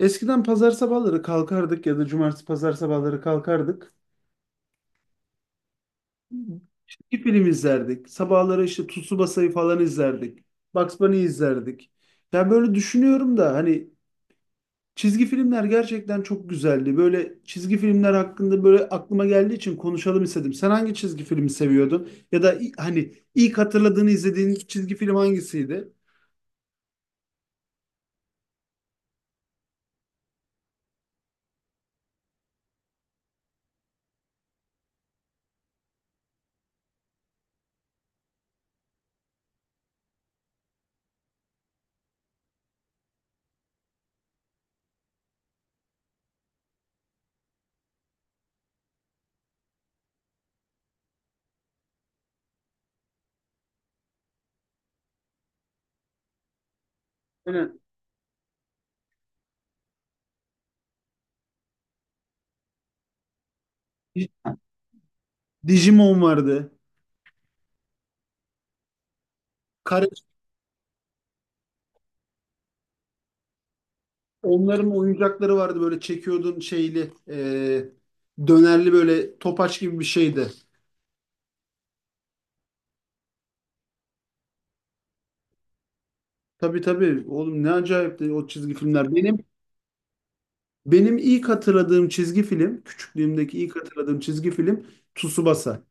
Eskiden pazar sabahları kalkardık ya da cumartesi pazar sabahları kalkardık. Bir film izlerdik. Sabahları işte Tsubasa'yı falan izlerdik. Bugs Bunny izlerdik. Ya böyle düşünüyorum da hani. Çizgi filmler gerçekten çok güzeldi. Böyle çizgi filmler hakkında böyle aklıma geldiği için konuşalım istedim. Sen hangi çizgi filmi seviyordun? Ya da hani ilk hatırladığını izlediğin çizgi film hangisiydi? Aynen. Di- Digimon vardı. Kare, onların oyuncakları vardı böyle çekiyordun şeyli, dönerli böyle topaç gibi bir şeydi. Tabii tabii. Oğlum ne acayip de o çizgi filmler. Benim ilk hatırladığım çizgi film, küçüklüğümdeki ilk hatırladığım çizgi film Tsubasa.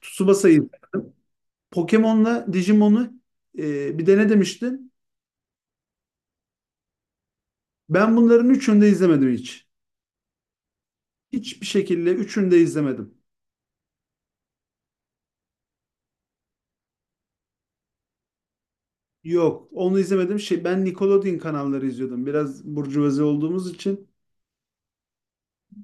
Tsubasa'yı izledim. Pokemon'la Digimon'u, bir de ne demiştin? Ben bunların üçünü de izlemedim hiç. Hiçbir şekilde üçünü de izlemedim. Yok, onu izlemedim. Şey, ben Nickelodeon kanalları izliyordum. Biraz burjuvazi olduğumuz için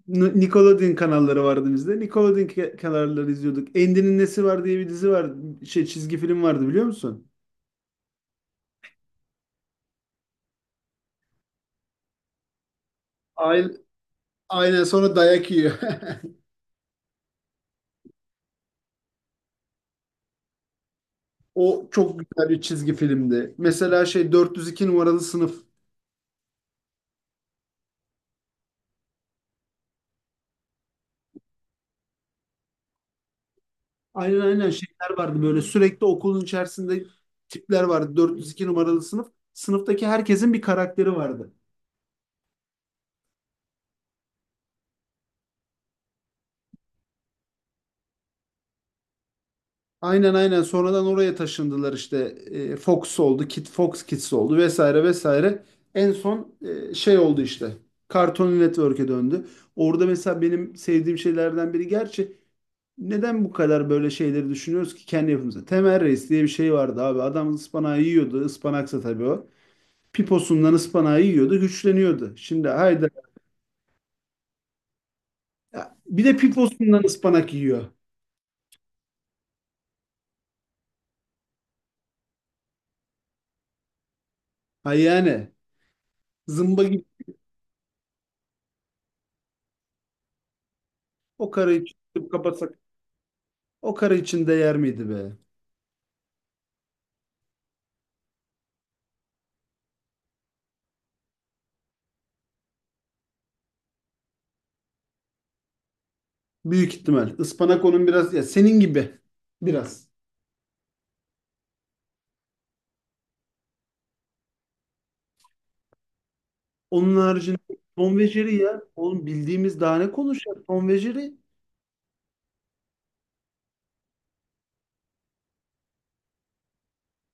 Nickelodeon kanalları vardı bizde. Nickelodeon kanalları izliyorduk. Endi'nin Nesi Var diye bir dizi var. Şey çizgi film vardı biliyor musun? Aynen, aynen sonra dayak yiyor. O çok güzel bir çizgi filmdi. Mesela şey 402 numaralı sınıf. Aynen aynen şeyler vardı böyle sürekli okulun içerisinde tipler vardı. 402 numaralı sınıf. Sınıftaki herkesin bir karakteri vardı. Aynen aynen sonradan oraya taşındılar işte. Fox oldu, Fox Kids oldu vesaire vesaire. En son şey oldu işte. Cartoon Network'e döndü. Orada mesela benim sevdiğim şeylerden biri gerçi. Neden bu kadar böyle şeyleri düşünüyoruz ki kendi yapımıza? Temel Reis diye bir şey vardı abi. Adam ıspanağı yiyordu. Ispanaksa tabii o. Piposundan ıspanağı yiyordu. Güçleniyordu. Şimdi hayda. Ya, bir de piposundan ıspanak yiyor. Ha yani. Zımba gibi. O karı için kapatsak. O karı için değer miydi be? Büyük ihtimal. Ispanak onun biraz. Ya senin gibi. Biraz. Onun haricinde Tom ve Jerry ya. Oğlum bildiğimiz daha ne konuşacak? Tom ve Jerry.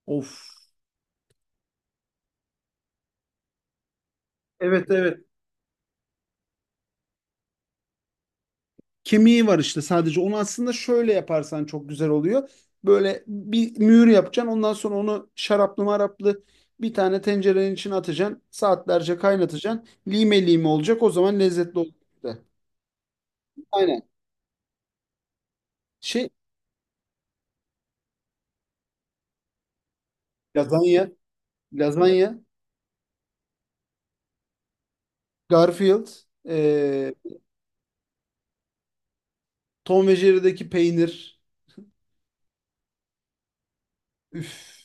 Of. Evet evet. Kemiği var işte sadece. Onu aslında şöyle yaparsan çok güzel oluyor. Böyle bir mühür yapacaksın. Ondan sonra onu şaraplı maraplı bir tane tencerenin içine atacaksın. Saatlerce kaynatacaksın. Lime lime olacak. O zaman lezzetli olacak da. Aynen. Şey lazanya, lazanya, Garfield, e, Tom ve Jerry'deki peynir. Üf,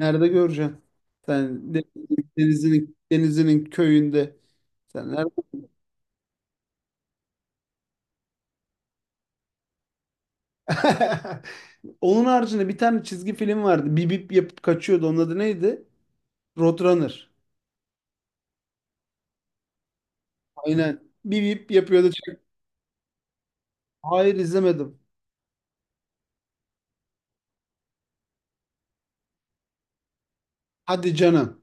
nerede göreceksin? Sen de- denizinin köyünde. Sen nerede? Onun haricinde bir tane çizgi film vardı. Bip bip yapıp kaçıyordu. Onun adı neydi? Roadrunner. Aynen. Bip bip yapıyordu. Çık- Hayır izlemedim. Hadi canım.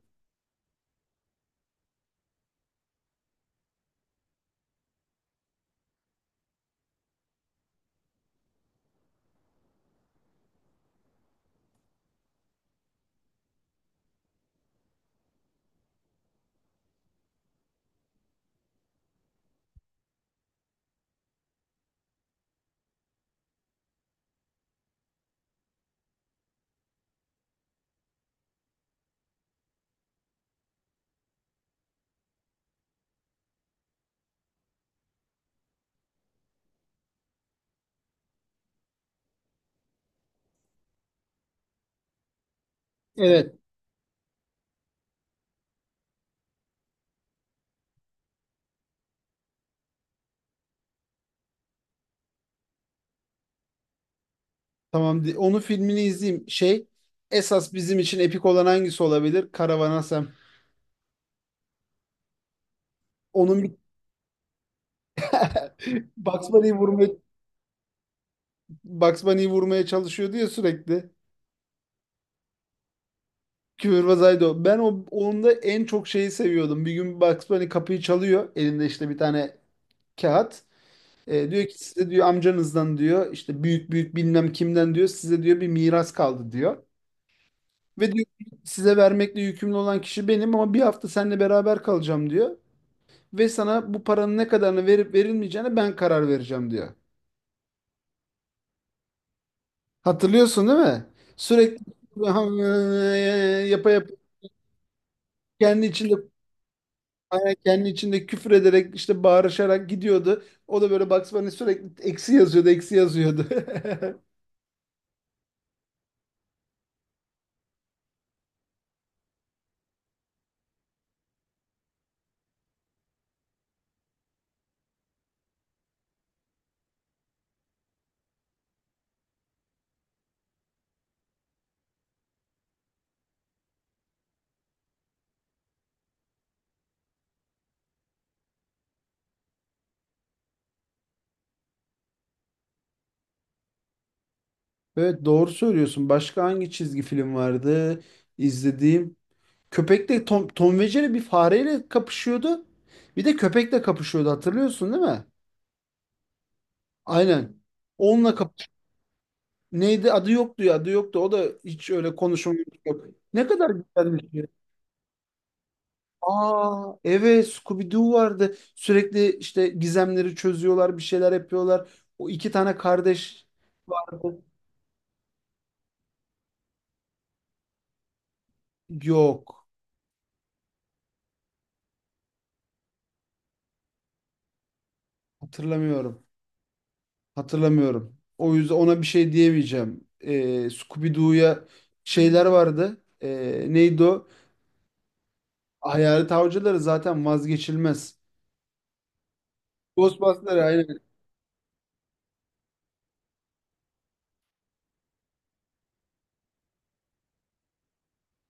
Evet. Tamam. Onun filmini izleyeyim. Şey esas bizim için epik olan hangisi olabilir? Karavan Sam. Onun bir. Bugs Bunny'yi vurmaya, Bugs Bunny'yi vurmaya çalışıyordu ya sürekli. Küfürbazaydı o. Ben onda en çok şeyi seviyordum. Bir gün Bugs Bunny kapıyı çalıyor. Elinde işte bir tane kağıt. Diyor ki size diyor amcanızdan diyor işte büyük büyük bilmem kimden diyor size diyor bir miras kaldı diyor. Ve diyor ki, size vermekle yükümlü olan kişi benim ama bir hafta seninle beraber kalacağım diyor. Ve sana bu paranın ne kadarını verip verilmeyeceğine ben karar vereceğim diyor. Hatırlıyorsun değil mi? Sürekli yapa yapa kendi içinde kendi içinde küfür ederek işte bağırışarak gidiyordu. O da böyle Bugs Bunny sürekli eksi yazıyordu. Evet doğru söylüyorsun. Başka hangi çizgi film vardı izlediğim? Köpekle Tom ve Jerry bir fareyle kapışıyordu. Bir de köpekle kapışıyordu hatırlıyorsun değil mi? Aynen. Onunla kapış. Neydi adı yoktu ya adı yoktu. O da hiç öyle konuşma yürüyüş yok. Ne kadar güzelmiş ya. Aa evet, Scooby-Doo vardı. Sürekli işte gizemleri çözüyorlar bir şeyler yapıyorlar. O iki tane kardeş vardı. Yok hatırlamıyorum. Hatırlamıyorum. O yüzden ona bir şey diyemeyeceğim. Scooby-Doo'ya şeyler vardı. Neydi o? Hayalet avcıları zaten vazgeçilmez. Ghostbusters aynen.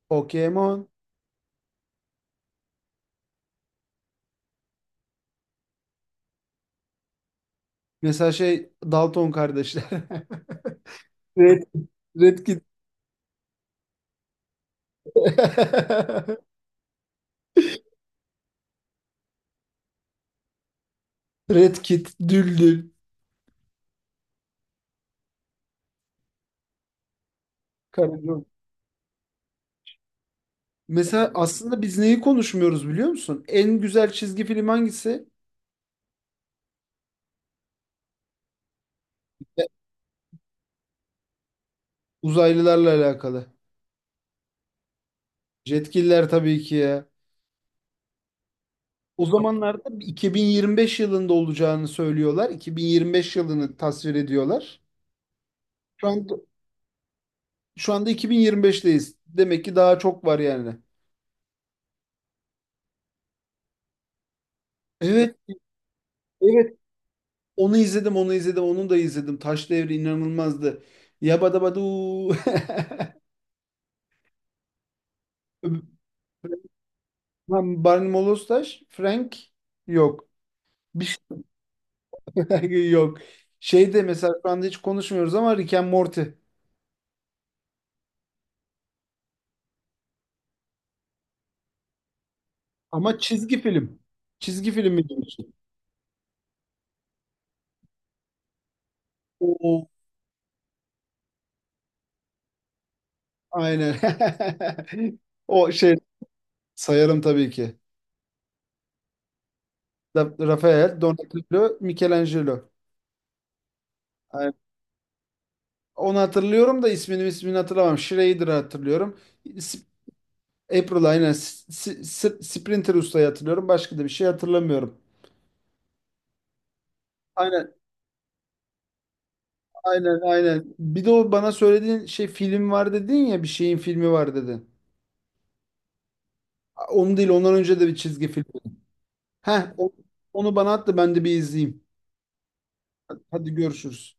Pokemon. Mesela şey Dalton kardeşler. Red, Red Kit. Red Kit, Düldül, Karagöz. Mesela aslında biz neyi konuşmuyoruz biliyor musun? En güzel çizgi film hangisi? E, Uzaylılarla alakalı. Jetgiller tabii ki ya. O zamanlarda 2025 yılında olacağını söylüyorlar. 2025 yılını tasvir ediyorlar. Şu anda, şu anda 2025'teyiz. Demek ki daha çok var yani. Evet, evet. Onu da izledim. Taş Devri inanılmazdı. Yabadabadu. Lan Barney Molostaş, Frank yok. Bir şey yok. Şeyde mesela şu anda hiç konuşmuyoruz ama Rick and Morty. Ama çizgi film. Çizgi film mi diyorsun? O aynen. O şey sayarım tabii ki. Rafael, Donatello, Michelangelo. Aynen. Onu hatırlıyorum da ismini hatırlamam. Schrader'ı hatırlıyorum. Sp- April aynen. Sprinter ustayı hatırlıyorum. Başka da bir şey hatırlamıyorum. Aynen aynen. Bir de o bana söylediğin şey film var dedin ya bir şeyin filmi var dedin. Onu değil, ondan önce de bir çizgi film. Heh, onu bana at da ben de bir izleyeyim. Hadi görüşürüz.